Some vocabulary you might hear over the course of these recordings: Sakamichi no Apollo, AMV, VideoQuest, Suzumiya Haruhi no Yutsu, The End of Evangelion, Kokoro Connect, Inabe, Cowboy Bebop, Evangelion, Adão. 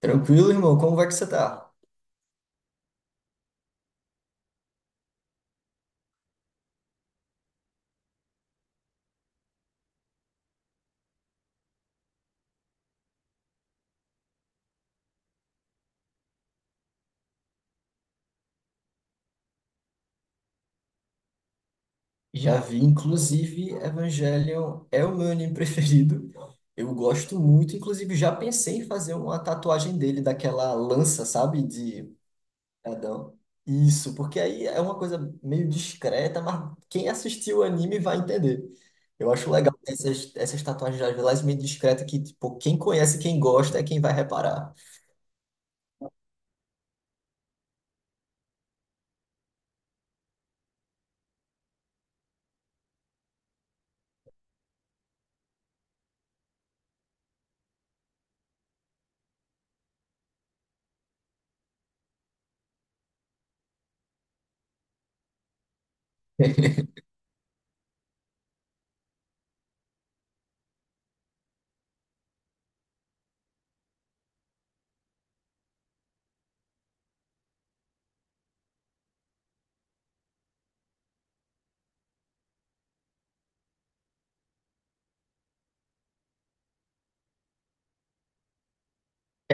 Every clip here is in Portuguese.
Tranquilo, irmão? Como vai que você tá? Já vi, inclusive, Evangelion é o meu anime preferido. Eu gosto muito, inclusive já pensei em fazer uma tatuagem dele, daquela lança, sabe? De Adão. Isso, porque aí é uma coisa meio discreta, mas quem assistiu o anime vai entender. Eu acho legal essas tatuagens, às vezes, meio discretas, que, tipo, quem conhece, quem gosta, é quem vai reparar.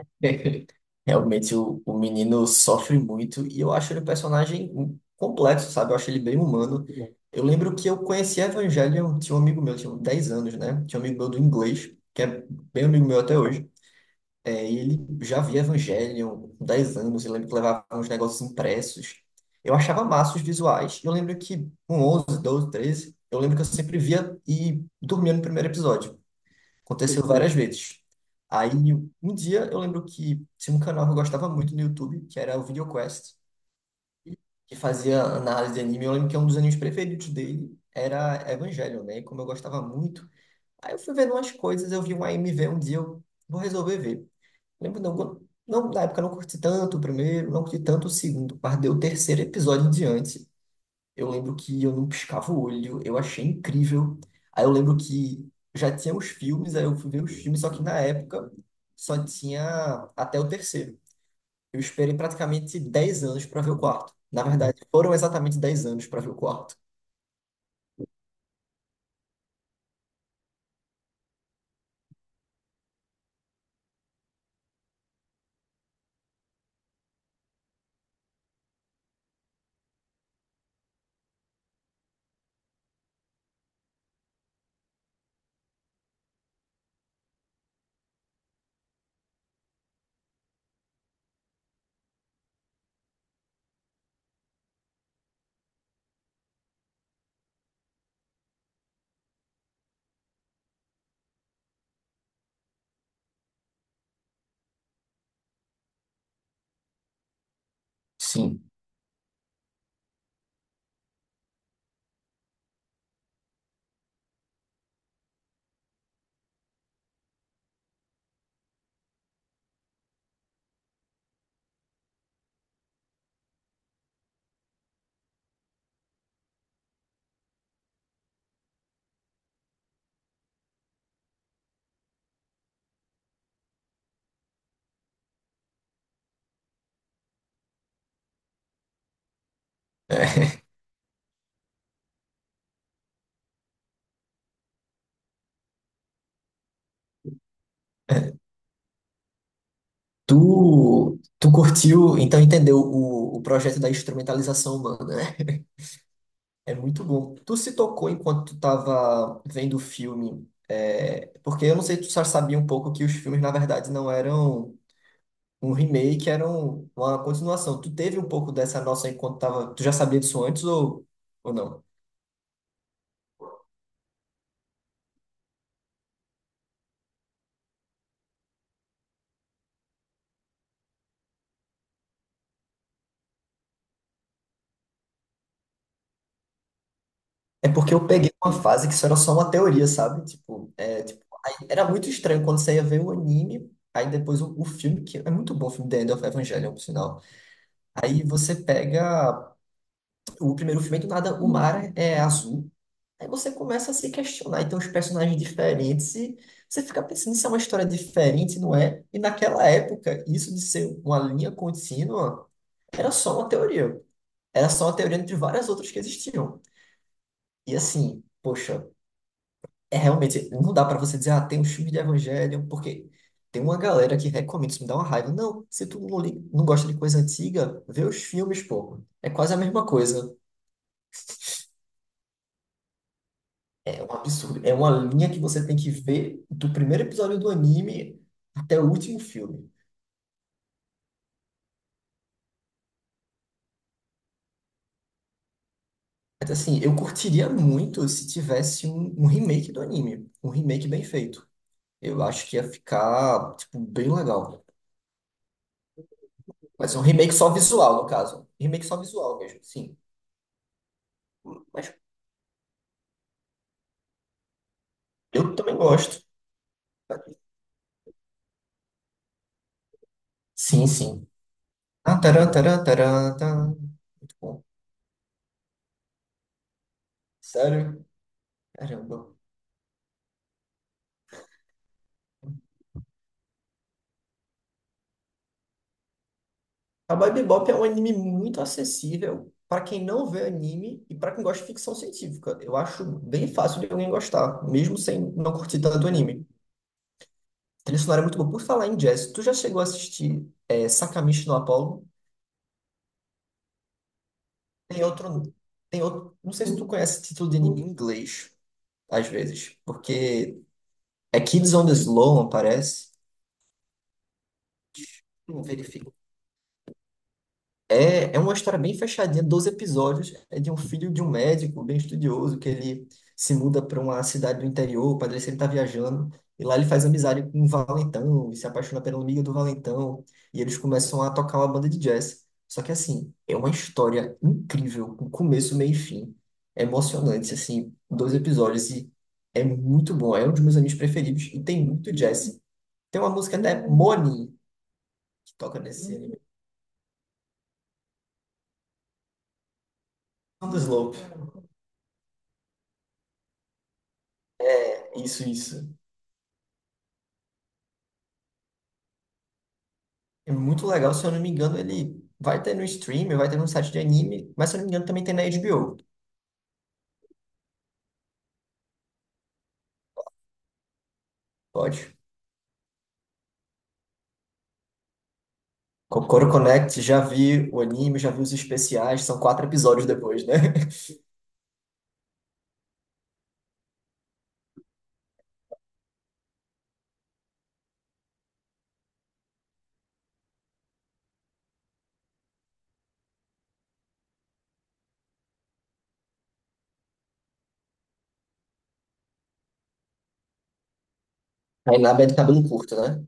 Realmente o menino sofre muito e eu acho ele um personagem complexo, sabe? Eu acho ele bem humano. Eu lembro que eu conheci Evangelion, tinha um amigo meu, tinha uns 10 anos, né? Tinha um amigo meu do inglês, que é bem amigo meu até hoje. É, e ele já via Evangelion com 10 anos, eu lembro que levava uns negócios impressos. Eu achava massa os visuais. Eu lembro que com 11 12 13 eu lembro que eu sempre via e dormia no primeiro episódio. Aconteceu várias vezes. Aí, um dia, eu lembro que tinha um canal que eu gostava muito no YouTube, que era o VideoQuest, que fazia análise de anime. Eu lembro que um dos animes preferidos dele era Evangelion, né? E como eu gostava muito, aí eu fui vendo umas coisas, eu vi um AMV um dia, eu vou resolver ver. Lembro, não, não, na época eu não curti tanto o primeiro, não curti tanto o segundo, mas deu o terceiro episódio em diante. Eu lembro que eu não piscava o olho, eu achei incrível. Aí eu lembro que já tinha os filmes, aí eu fui ver os filmes, só que na época só tinha até o terceiro. Eu esperei praticamente 10 anos para ver o quarto. Na verdade, foram exatamente 10 anos para ver o quarto. Sim. Tu curtiu, então entendeu o projeto da instrumentalização humana, né? É muito bom. Tu se tocou enquanto tu tava vendo o filme, é, porque eu não sei se tu já sabia um pouco que os filmes, na verdade, não eram um remake, eram uma continuação. Tu teve um pouco dessa noção enquanto tava. Tu já sabia disso antes ou não? É porque eu peguei uma fase que isso era só uma teoria, sabe? Tipo, é, tipo, aí era muito estranho quando você ia ver o anime, aí depois o filme, que é muito bom o filme The End of Evangelion, por sinal. Aí você pega o primeiro filme, e do nada, o mar é azul. Aí você começa a se questionar. Então, os personagens diferentes, e você fica pensando se é uma história diferente, não é? E naquela época, isso de ser uma linha contínua era só uma teoria. Era só uma teoria entre várias outras que existiam. E assim, poxa, é realmente, não dá pra você dizer, ah, tem um filme de Evangelho, porque tem uma galera que recomenda, isso me dá uma raiva. Não, se tu não, não gosta de coisa antiga, vê os filmes, pô. É quase a mesma coisa. É um absurdo. É uma linha que você tem que ver do primeiro episódio do anime até o último filme. Mas assim, eu curtiria muito se tivesse um remake do anime. Um remake bem feito. Eu acho que ia ficar, tipo, bem legal. Mas um remake só visual, no caso. Remake só visual mesmo, sim. Mas eu também gosto. Sim, sim. Ah, tarã, tarã, tarã, tarã. Muito bom. Sério? Caramba. Cowboy Bebop é um anime muito acessível para quem não vê anime e para quem gosta de ficção científica. Eu acho bem fácil de alguém gostar, mesmo sem não curtir tanto anime. A trilha sonora é muito boa. Por falar em jazz, tu já chegou a assistir Sakamichi no Apollo? Tem outro, tem outro, não sei se tu conhece esse título de anime em inglês, às vezes, porque é Kids on the Slope, parece. Vou É uma história bem fechadinha, 12 episódios. É de um filho de um médico bem estudioso que ele se muda para uma cidade do interior. O padre sempre está viajando. E lá ele faz amizade com um valentão e se apaixona pela amiga do valentão. E eles começam a tocar uma banda de jazz. Só que, assim, é uma história incrível, com começo, meio e fim. É emocionante, assim, 2 episódios. E é muito bom. É um dos meus animes preferidos. E tem muito jazz. Tem uma música, né? Money, que toca nesse anime. Sound Slope. Isso, isso. É muito legal, se eu não me engano, ele vai ter no stream, vai ter no site de anime, mas se eu não me engano também tem na HBO. Pode. Kokoro Connect, já vi o anime, já vi os especiais, são 4 episódios depois, né? A Inabe é de cabelo curto, né?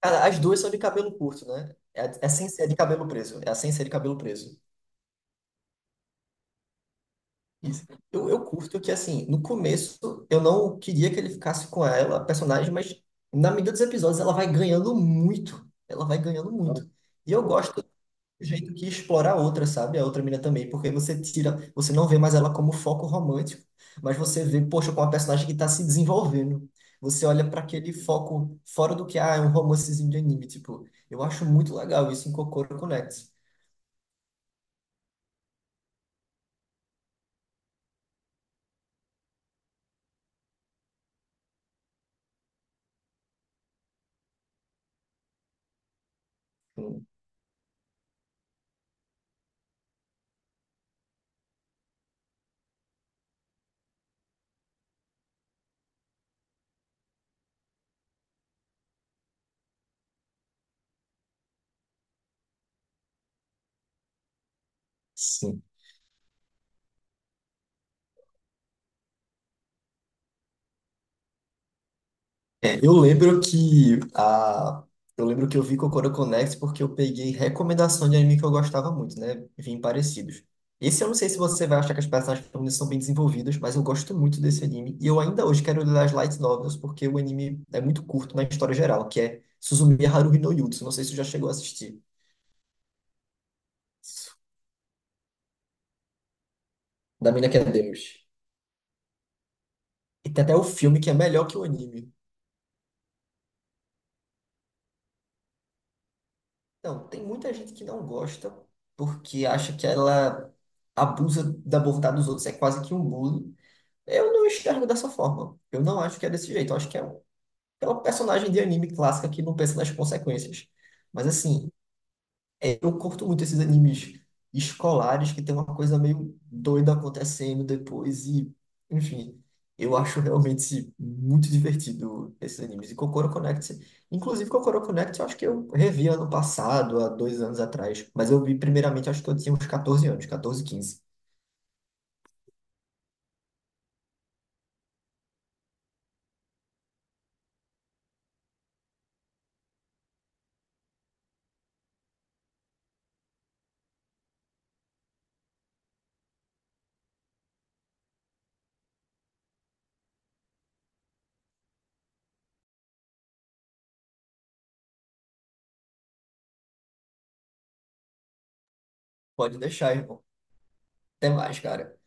Cara, as duas são de cabelo curto, né? É a sensei é de cabelo preso. É a sensei de cabelo preso. Isso. Eu curto que, assim, no começo eu não queria que ele ficasse com ela, a personagem, mas na medida dos episódios ela vai ganhando muito. Ela vai ganhando muito. E eu gosto do jeito que explora a outra, sabe? A outra mina também, porque você tira, você não vê mais ela como foco romântico, mas você vê, poxa, com uma personagem que tá se desenvolvendo. Você olha para aquele foco fora do que, ah, é um romancezinho de anime, tipo, eu acho muito legal isso em Kokoro Connects. Sim. É, eu lembro que eu lembro que eu vi Kokoro Connect porque eu peguei recomendação de anime que eu gostava muito, né? Vim parecidos. Esse eu não sei se você vai achar que as personagens femininas são bem desenvolvidas, mas eu gosto muito desse anime. E eu ainda hoje quero ler as light novels porque o anime é muito curto na história geral, que é Suzumiya Haruhi no Yutsu. Não sei se você já chegou a assistir. Da mina que é Deus. E tem até o filme que é melhor que o anime. Então, tem muita gente que não gosta porque acha que ela abusa da bondade dos outros, é quase que um bullying. Eu não enxergo dessa forma. Eu não acho que é desse jeito. Eu acho que é um personagem de anime clássica que não pensa nas consequências. Mas assim, eu curto muito esses animes escolares que tem uma coisa meio doida acontecendo depois e, enfim, eu acho realmente muito divertido esses animes. E Kokoro Connect, inclusive Kokoro Connect, eu acho que eu revi ano passado, há 2 anos atrás, mas eu vi primeiramente, acho que eu tinha uns 14 anos, 14, 15. Pode deixar, irmão. Até mais, cara.